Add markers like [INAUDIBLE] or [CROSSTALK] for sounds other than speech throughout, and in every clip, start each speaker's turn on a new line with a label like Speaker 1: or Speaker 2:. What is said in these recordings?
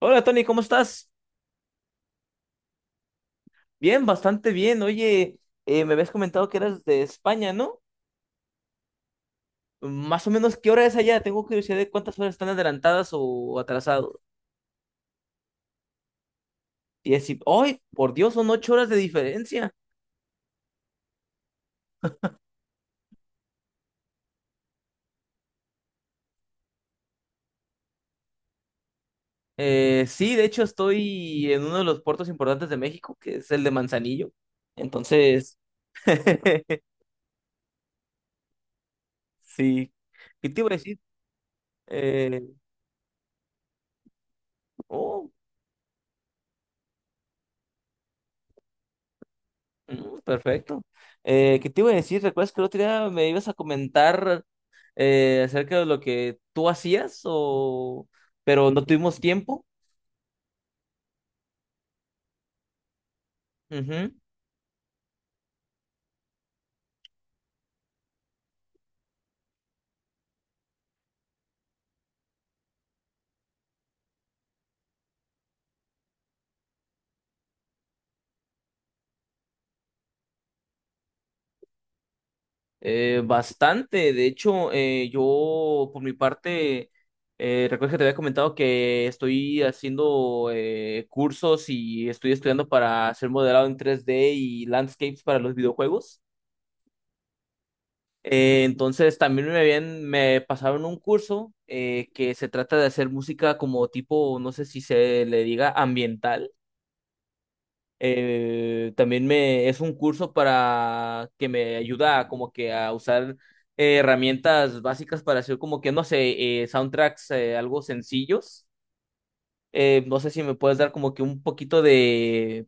Speaker 1: Hola Tony, ¿cómo estás? Bien, bastante bien. Oye, me habías comentado que eras de España, ¿no? Más o menos, ¿qué hora es allá? Tengo curiosidad de cuántas horas están adelantadas o atrasadas. Y decir, ¡ay, por Dios, son 8 horas de diferencia! Sí, de hecho estoy en uno de los puertos importantes de México, que es el de Manzanillo. Entonces, [LAUGHS] sí. ¿Qué te iba a decir? Eh, oh, mm, perfecto. ¿Qué te iba a decir? ¿Recuerdas que el otro día me ibas a comentar acerca de lo que tú hacías, o... pero no tuvimos tiempo? Ujú. Bastante, de hecho, yo por mi parte, recuerdo que te había comentado que estoy haciendo cursos y estoy estudiando para hacer modelado en 3D y landscapes para los videojuegos. Entonces también me pasaron un curso que se trata de hacer música como tipo, no sé si se le diga ambiental. También me es un curso para que me ayuda como que a usar herramientas básicas para hacer como que no sé, soundtracks algo sencillos. No sé si me puedes dar como que un poquito de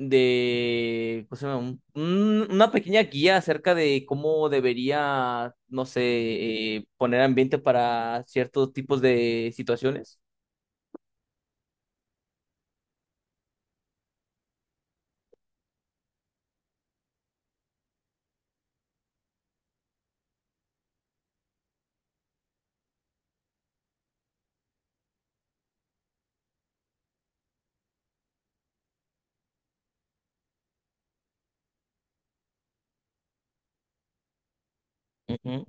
Speaker 1: ¿cómo se llama? Una pequeña guía acerca de cómo debería, no sé, poner ambiente para ciertos tipos de situaciones. Ujú.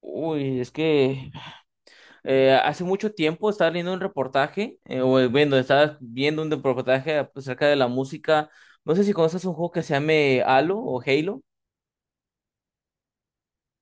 Speaker 1: Uy, es que hace mucho tiempo estaba leyendo un reportaje, estaba viendo un reportaje pues, acerca de la música. No sé si conoces un juego que se llame Halo o Halo.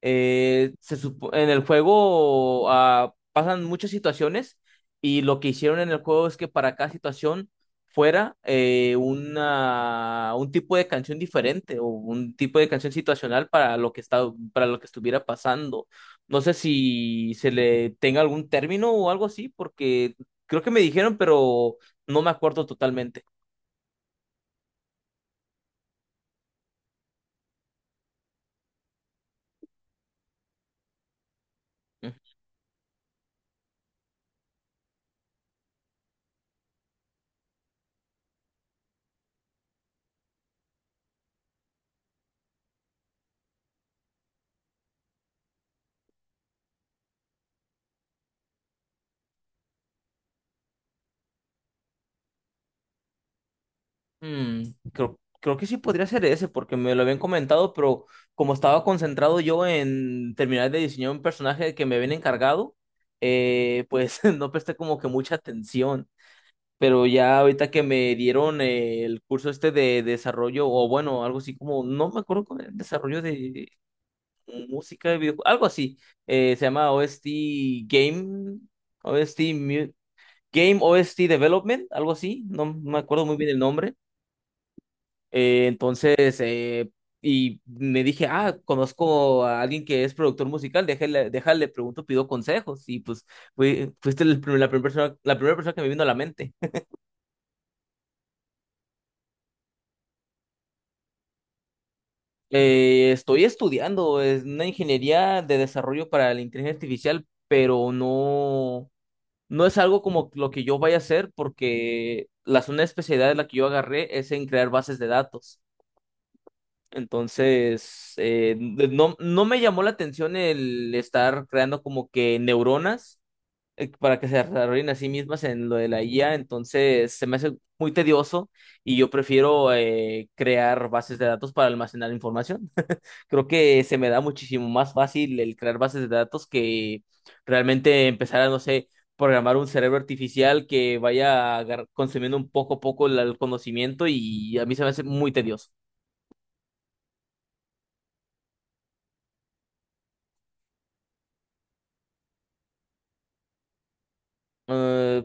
Speaker 1: En el juego ah, pasan muchas situaciones y lo que hicieron en el juego es que para cada situación fuera un tipo de canción diferente o un tipo de canción situacional para lo que está, para lo que estuviera pasando. No sé si se le tenga algún término o algo así, porque creo que me dijeron, pero no me acuerdo totalmente. Mm, creo que sí podría ser ese, porque me lo habían comentado, pero como estaba concentrado yo en terminar de diseñar un personaje que me habían encargado, pues [LAUGHS] no presté como que mucha atención. Pero ya ahorita que me dieron el curso este de desarrollo, o bueno, algo así como, no me acuerdo con el desarrollo de música de videojuegos, algo así, se llama OST Game, OST Mu- Game OST Development, algo así, no me acuerdo muy bien el nombre. Eh, entonces, eh, y me dije, ah, conozco a alguien que es productor musical, déjale, pregunto, pido consejos. Y pues fuiste la primera persona, la primera persona, que me vino a la mente. Estoy estudiando es una ingeniería de desarrollo para la inteligencia artificial, pero no, no es algo como lo que yo vaya a hacer porque la zona de especialidad de la que yo agarré es en crear bases de datos. Entonces, no, no me llamó la atención el estar creando como que neuronas para que se desarrollen a sí mismas en lo de la IA. Entonces, se me hace muy tedioso y yo prefiero crear bases de datos para almacenar información. [LAUGHS] Creo que se me da muchísimo más fácil el crear bases de datos que realmente empezar a, no sé, programar un cerebro artificial que vaya consumiendo un poco a poco el conocimiento y a mí se me hace muy tedioso. Eh,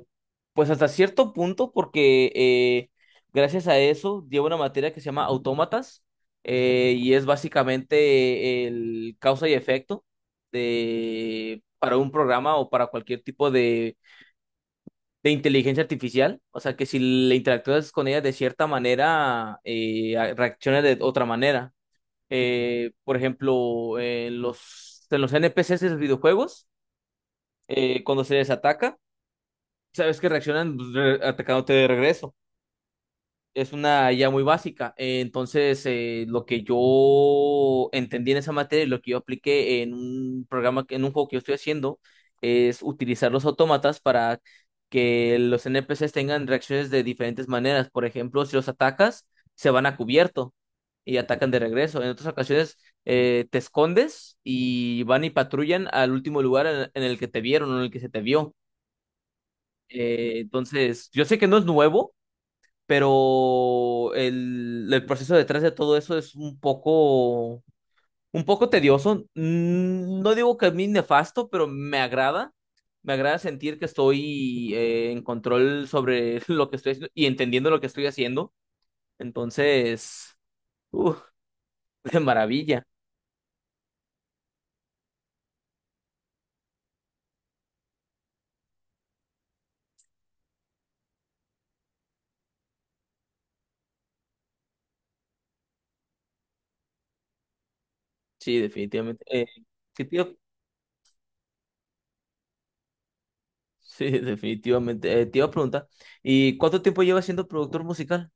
Speaker 1: pues hasta cierto punto, porque gracias a eso llevo una materia que se llama autómatas, y es básicamente el causa y efecto de, para un programa o para cualquier tipo de inteligencia artificial. O sea, que si le interactúas con ella de cierta manera, reacciona de otra manera. Por ejemplo, en en los N P C's de los videojuegos, cuando se les ataca sabes que reaccionan pues, atacándote de regreso. Es una ya muy básica. Entonces, lo que yo entendí en esa materia y lo que yo apliqué en un programa, en un juego que yo estoy haciendo, es utilizar los autómatas para que los NPCs tengan reacciones de diferentes maneras. Por ejemplo, si los atacas, se van a cubierto y atacan de regreso. En otras ocasiones, te escondes y van y patrullan al último lugar en el que te vieron o en el que se te vio. Entonces, yo sé que no es nuevo, pero el proceso detrás de todo eso es un poco tedioso. Mm, no digo que a mí nefasto, pero me agrada. Me agrada sentir que estoy en control sobre [LAUGHS] lo que estoy haciendo y entendiendo lo que estoy haciendo. Entonces, uf, [LAUGHS] de maravilla. Sí, definitivamente. ¿Qué te iba- Sí, [LAUGHS] definitivamente. Te iba a preguntar, ¿y cuánto tiempo llevas siendo productor musical?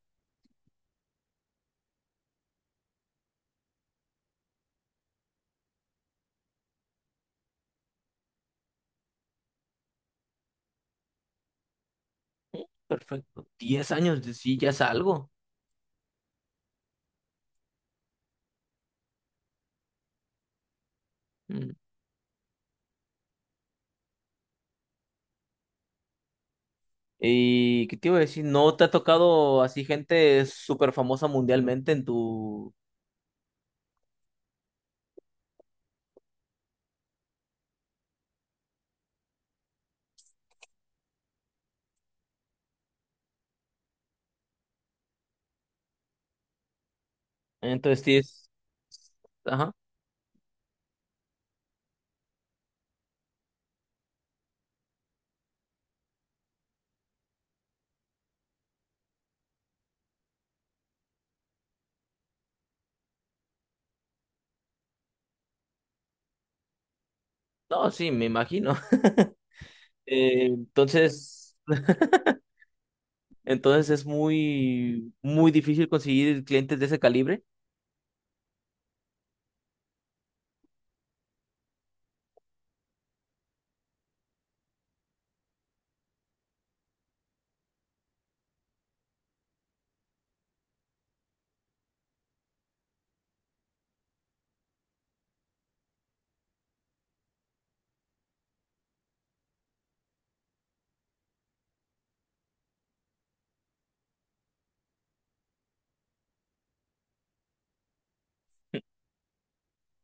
Speaker 1: Perfecto. 10 años, sí, ya es algo. Mm. ¿Y qué te iba a decir? ¿No te ha tocado así gente súper famosa mundialmente en tu...? Entonces, sí es... Ajá. No, sí, me imagino. [LAUGHS] Eh, entonces, [LAUGHS] entonces es muy, muy difícil conseguir clientes de ese calibre.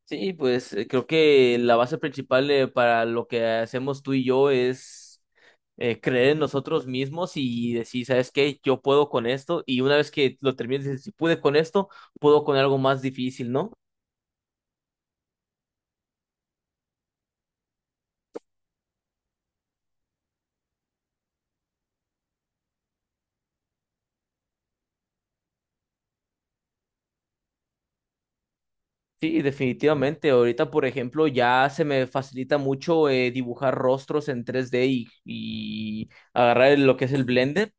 Speaker 1: Sí, pues creo que la base principal para lo que hacemos tú y yo es creer en nosotros mismos y decir, ¿sabes qué? Yo puedo con esto y una vez que lo termines, dices, si pude con esto, puedo con algo más difícil, ¿no? Sí, definitivamente. Ahorita, por ejemplo, ya se me facilita mucho dibujar rostros en 3D y agarrar lo que es el Blender.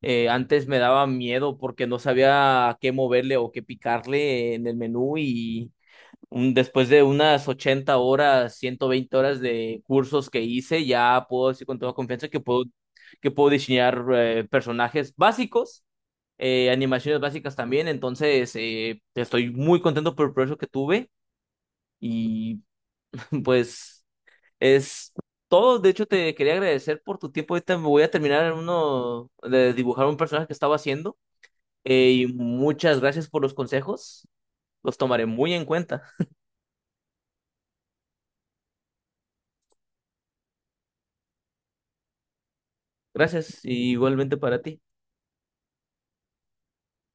Speaker 1: Antes me daba miedo porque no sabía a qué moverle o qué picarle en el menú. Después de unas 80 horas, 120 horas de cursos que hice, ya puedo decir con toda confianza que que puedo diseñar personajes básicos, animaciones básicas también. Entonces, estoy muy contento por el proceso que tuve y [LAUGHS] pues es todo. De hecho, te quería agradecer por tu tiempo. Ahorita me voy a terminar en uno de dibujar un personaje que estaba haciendo. Y muchas gracias por los consejos. Los tomaré muy en cuenta. Gracias, y igualmente para ti.